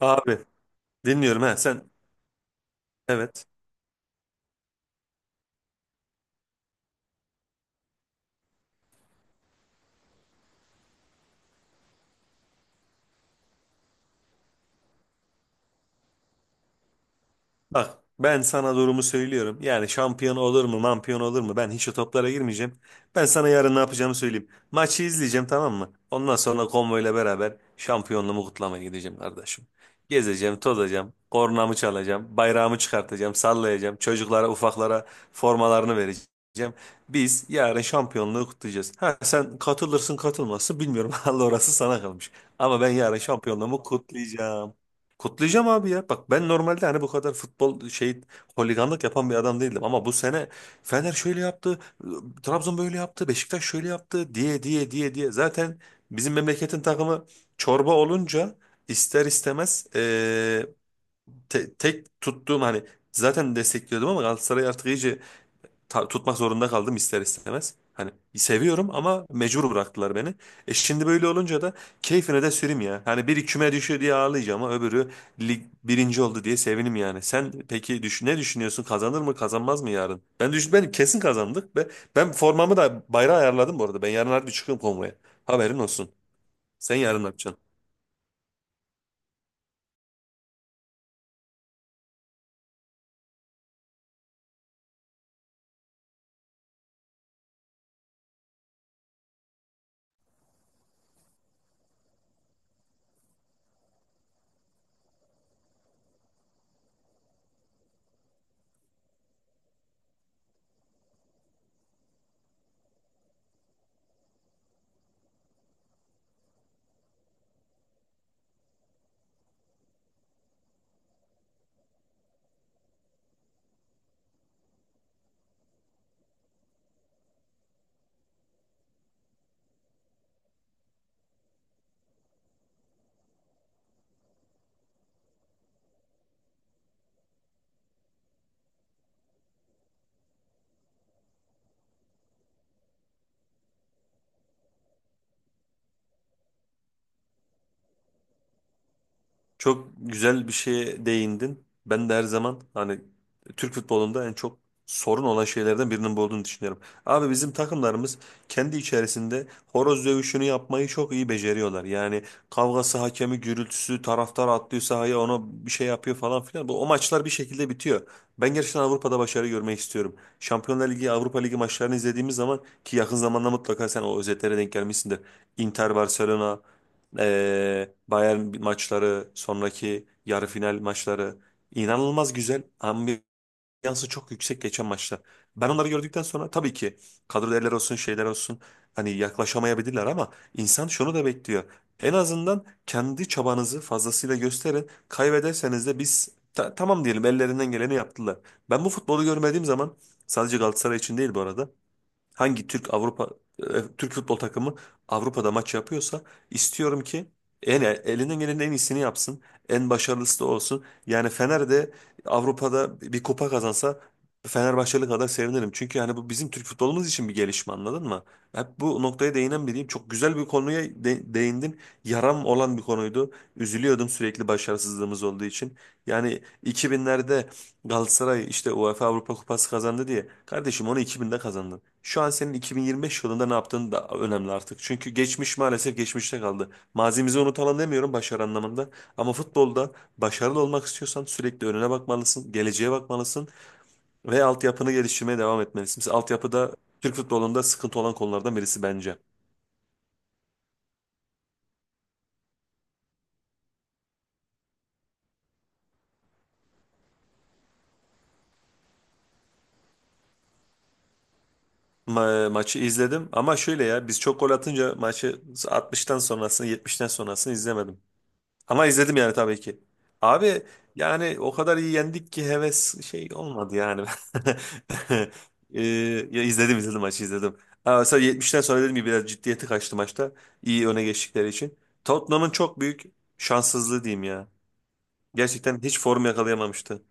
Abi, dinliyorum. Ha sen, evet. Bak, ben sana durumu söylüyorum. Yani şampiyon olur mu, mampiyon olur mu? Ben hiç o toplara girmeyeceğim. Ben sana yarın ne yapacağımı söyleyeyim. Maçı izleyeceğim, tamam mı? Ondan sonra konvoyla beraber şampiyonluğumu kutlamaya gideceğim kardeşim. Gezeceğim, tozacağım, kornamı çalacağım, bayrağımı çıkartacağım, sallayacağım. Çocuklara, ufaklara formalarını vereceğim. Biz yarın şampiyonluğu kutlayacağız. Ha sen katılırsın katılmazsın bilmiyorum. Allah, orası sana kalmış. Ama ben yarın şampiyonluğumu kutlayacağım. Kutlayacağım abi ya. Bak, ben normalde hani bu kadar futbol şey, holiganlık yapan bir adam değildim ama bu sene Fener şöyle yaptı, Trabzon böyle yaptı, Beşiktaş şöyle yaptı diye diye diye diye. Zaten bizim memleketin takımı çorba olunca ister istemez tek tuttuğum, hani zaten destekliyordum ama Galatasaray artık iyice tutmak zorunda kaldım ister istemez. Hani seviyorum ama mecbur bıraktılar beni. E, şimdi böyle olunca da keyfine de süreyim ya. Hani biri küme düşüyor diye ağlayacağım ama öbürü lig birinci oldu diye sevinim yani. Sen peki düş ne düşünüyorsun? Kazanır mı kazanmaz mı yarın? Ben düşün ben kesin kazandık ve ben formamı da bayrağı ayarladım bu arada. Ben yarın harbi çıkıyorum konvoya. Haberin olsun. Sen yarın ne yapacaksın? Çok güzel bir şeye değindin. Ben de her zaman hani Türk futbolunda en çok sorun olan şeylerden birinin bu olduğunu düşünüyorum. Abi, bizim takımlarımız kendi içerisinde horoz dövüşünü yapmayı çok iyi beceriyorlar. Yani kavgası, hakemi, gürültüsü, taraftar atlıyor sahaya, ona bir şey yapıyor falan filan. Bu o maçlar bir şekilde bitiyor. Ben gerçekten Avrupa'da başarı görmek istiyorum. Şampiyonlar Ligi, Avrupa Ligi maçlarını izlediğimiz zaman, ki yakın zamanda mutlaka sen o özetlere denk gelmişsindir. Inter Barcelona, Bayern maçları, sonraki yarı final maçları inanılmaz güzel. Ambiyansı çok yüksek geçen maçlar. Ben onları gördükten sonra tabii ki kadro değerleri olsun, şeyler olsun, hani yaklaşamayabilirler ama insan şunu da bekliyor. En azından kendi çabanızı fazlasıyla gösterin. Kaybederseniz de biz tamam diyelim, ellerinden geleni yaptılar. Ben bu futbolu görmediğim zaman, sadece Galatasaray için değil bu arada, hangi Türk Türk futbol takımı Avrupa'da maç yapıyorsa istiyorum ki en elinden gelenin en iyisini yapsın. En başarılısı da olsun. Yani Fener de Avrupa'da bir kupa kazansa Fenerbahçeli kadar sevinirim. Çünkü yani bu bizim Türk futbolumuz için bir gelişme, anladın mı? Hep bu noktaya değinen biriyim. Çok güzel bir konuya değindin. Yaram olan bir konuydu. Üzülüyordum sürekli başarısızlığımız olduğu için. Yani 2000'lerde Galatasaray işte UEFA Avrupa Kupası kazandı diye. Kardeşim, onu 2000'de kazandın. Şu an senin 2025 yılında ne yaptığın da önemli artık. Çünkü geçmiş maalesef geçmişte kaldı. Mazimizi unutalım demiyorum başarı anlamında. Ama futbolda başarılı olmak istiyorsan sürekli önüne bakmalısın, geleceğe bakmalısın ve altyapını geliştirmeye devam etmelisin. Mesela altyapıda Türk futbolunda sıkıntı olan konulardan birisi bence. Maçı izledim ama şöyle ya, biz çok gol atınca maçı 60'tan sonrasını, 70'ten sonrasını izlemedim. Ama izledim yani tabii ki. Abi, yani o kadar iyi yendik ki heves şey olmadı yani. Ee, ya izledim izledim, maçı izledim. Aa, mesela 70'ten sonra dedim ki biraz ciddiyeti kaçtı maçta. İyi öne geçtikleri için. Tottenham'ın çok büyük şanssızlığı diyeyim ya. Gerçekten hiç form yakalayamamıştı.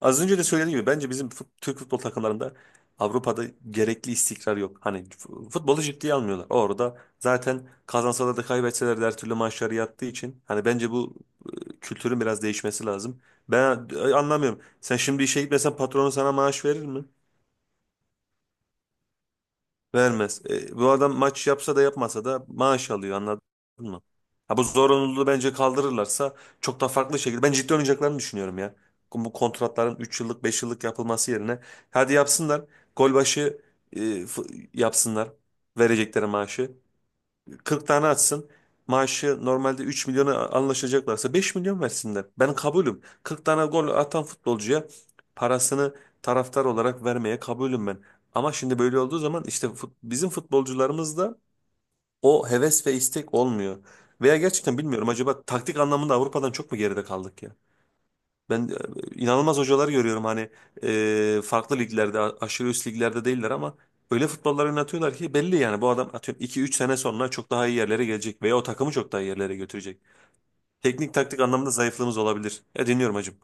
Az önce de söylediğim gibi bence bizim Türk futbol takımlarında Avrupa'da gerekli istikrar yok. Hani futbolu ciddiye almıyorlar. Orada zaten kazansalar da kaybetseler de her türlü maçları yattığı için hani bence bu kültürün biraz değişmesi lazım. Ben anlamıyorum. Sen şimdi işe gitmesen patronun sana maaş verir mi? Vermez. E, bu adam maç yapsa da yapmasa da maaş alıyor, anladın mı? Ha, bu zorunluluğu bence kaldırırlarsa çok da farklı şekilde. Ben ciddi oynayacaklarını düşünüyorum ya. Bu kontratların 3 yıllık 5 yıllık yapılması yerine hadi yapsınlar. Gol başı e, f- yapsınlar. Verecekleri maaşı. 40 tane atsın. Maaşı normalde 3 milyona anlaşacaklarsa 5 milyon versinler. Ben kabulüm. 40 tane gol atan futbolcuya parasını taraftar olarak vermeye kabulüm ben. Ama şimdi böyle olduğu zaman işte bizim futbolcularımızda o heves ve istek olmuyor. Veya gerçekten bilmiyorum, acaba taktik anlamında Avrupa'dan çok mu geride kaldık ya? Ben inanılmaz hocalar görüyorum, hani farklı liglerde aşırı üst liglerde değiller ama öyle futbollar oynatıyorlar ki belli, yani bu adam atıyorum iki üç sene sonra çok daha iyi yerlere gelecek veya o takımı çok daha iyi yerlere götürecek. Teknik taktik anlamında zayıflığımız olabilir. E, dinliyorum hacım.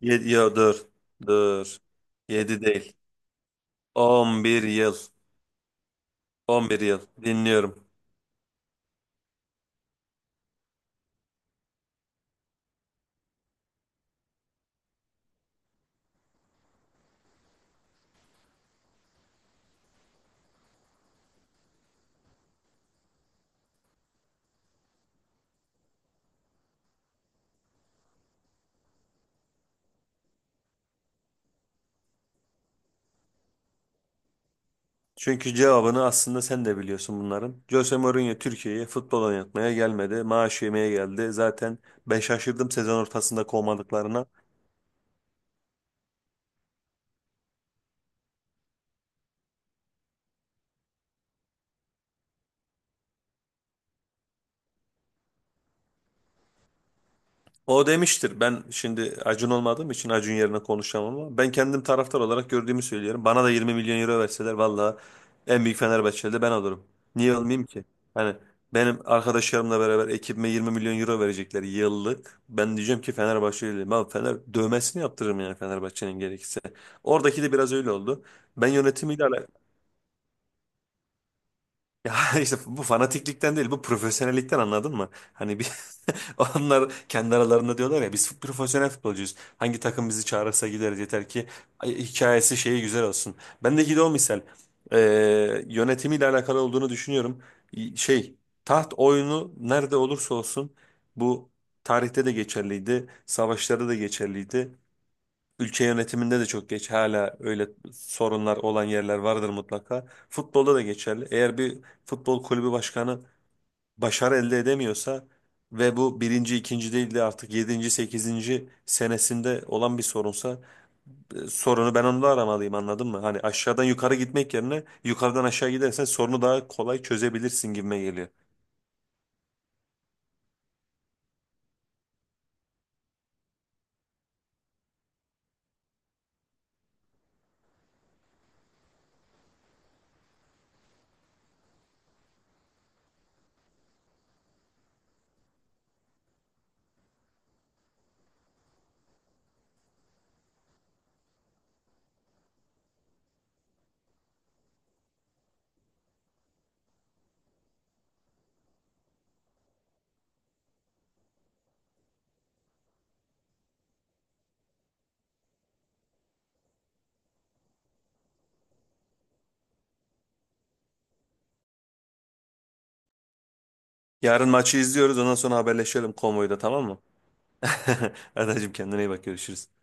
Yedi ya, dur dur. Yedi değil. 11 yıl. 11 yıl. Dinliyorum. Çünkü cevabını aslında sen de biliyorsun bunların. Jose Mourinho Türkiye'ye futbol oynatmaya gelmedi. Maaş yemeye geldi. Zaten ben şaşırdım sezon ortasında kovmadıklarına. O demiştir. Ben şimdi Acun olmadığım için Acun yerine konuşamam ama ben kendim taraftar olarak gördüğümü söylüyorum. Bana da 20 milyon euro verseler valla en büyük Fenerbahçeli de ben olurum. Niye olmayayım ki? Hani benim arkadaşlarımla beraber ekibime 20 milyon euro verecekler yıllık. Ben diyeceğim ki Fenerbahçeliyim. Abi, Fener dövmesini yaptırırım yani Fenerbahçe'nin, gerekirse. Oradaki de biraz öyle oldu. Ben yönetimiyle alakalı. Ya işte, bu fanatiklikten değil, bu profesyonellikten, anladın mı? Hani bir onlar kendi aralarında diyorlar ya, biz profesyonel futbolcuyuz. Hangi takım bizi çağırırsa gideriz, yeter ki hikayesi şeyi güzel olsun. Bendeki de o misal. Ee, yönetimiyle alakalı olduğunu düşünüyorum. Şey, taht oyunu nerede olursa olsun, bu tarihte de geçerliydi. Savaşlarda da geçerliydi. Ülke yönetiminde de çok geç hala öyle sorunlar olan yerler vardır mutlaka. Futbolda da geçerli. Eğer bir futbol kulübü başkanı başarı elde edemiyorsa ve bu birinci, ikinci değil de artık yedinci, sekizinci senesinde olan bir sorunsa sorunu ben onda aramalıyım, anladın mı? Hani aşağıdan yukarı gitmek yerine yukarıdan aşağı gidersen sorunu daha kolay çözebilirsin gibime geliyor. Yarın maçı izliyoruz, ondan sonra haberleşelim konvoyda, tamam mı? Adacığım, kendine iyi bak, görüşürüz.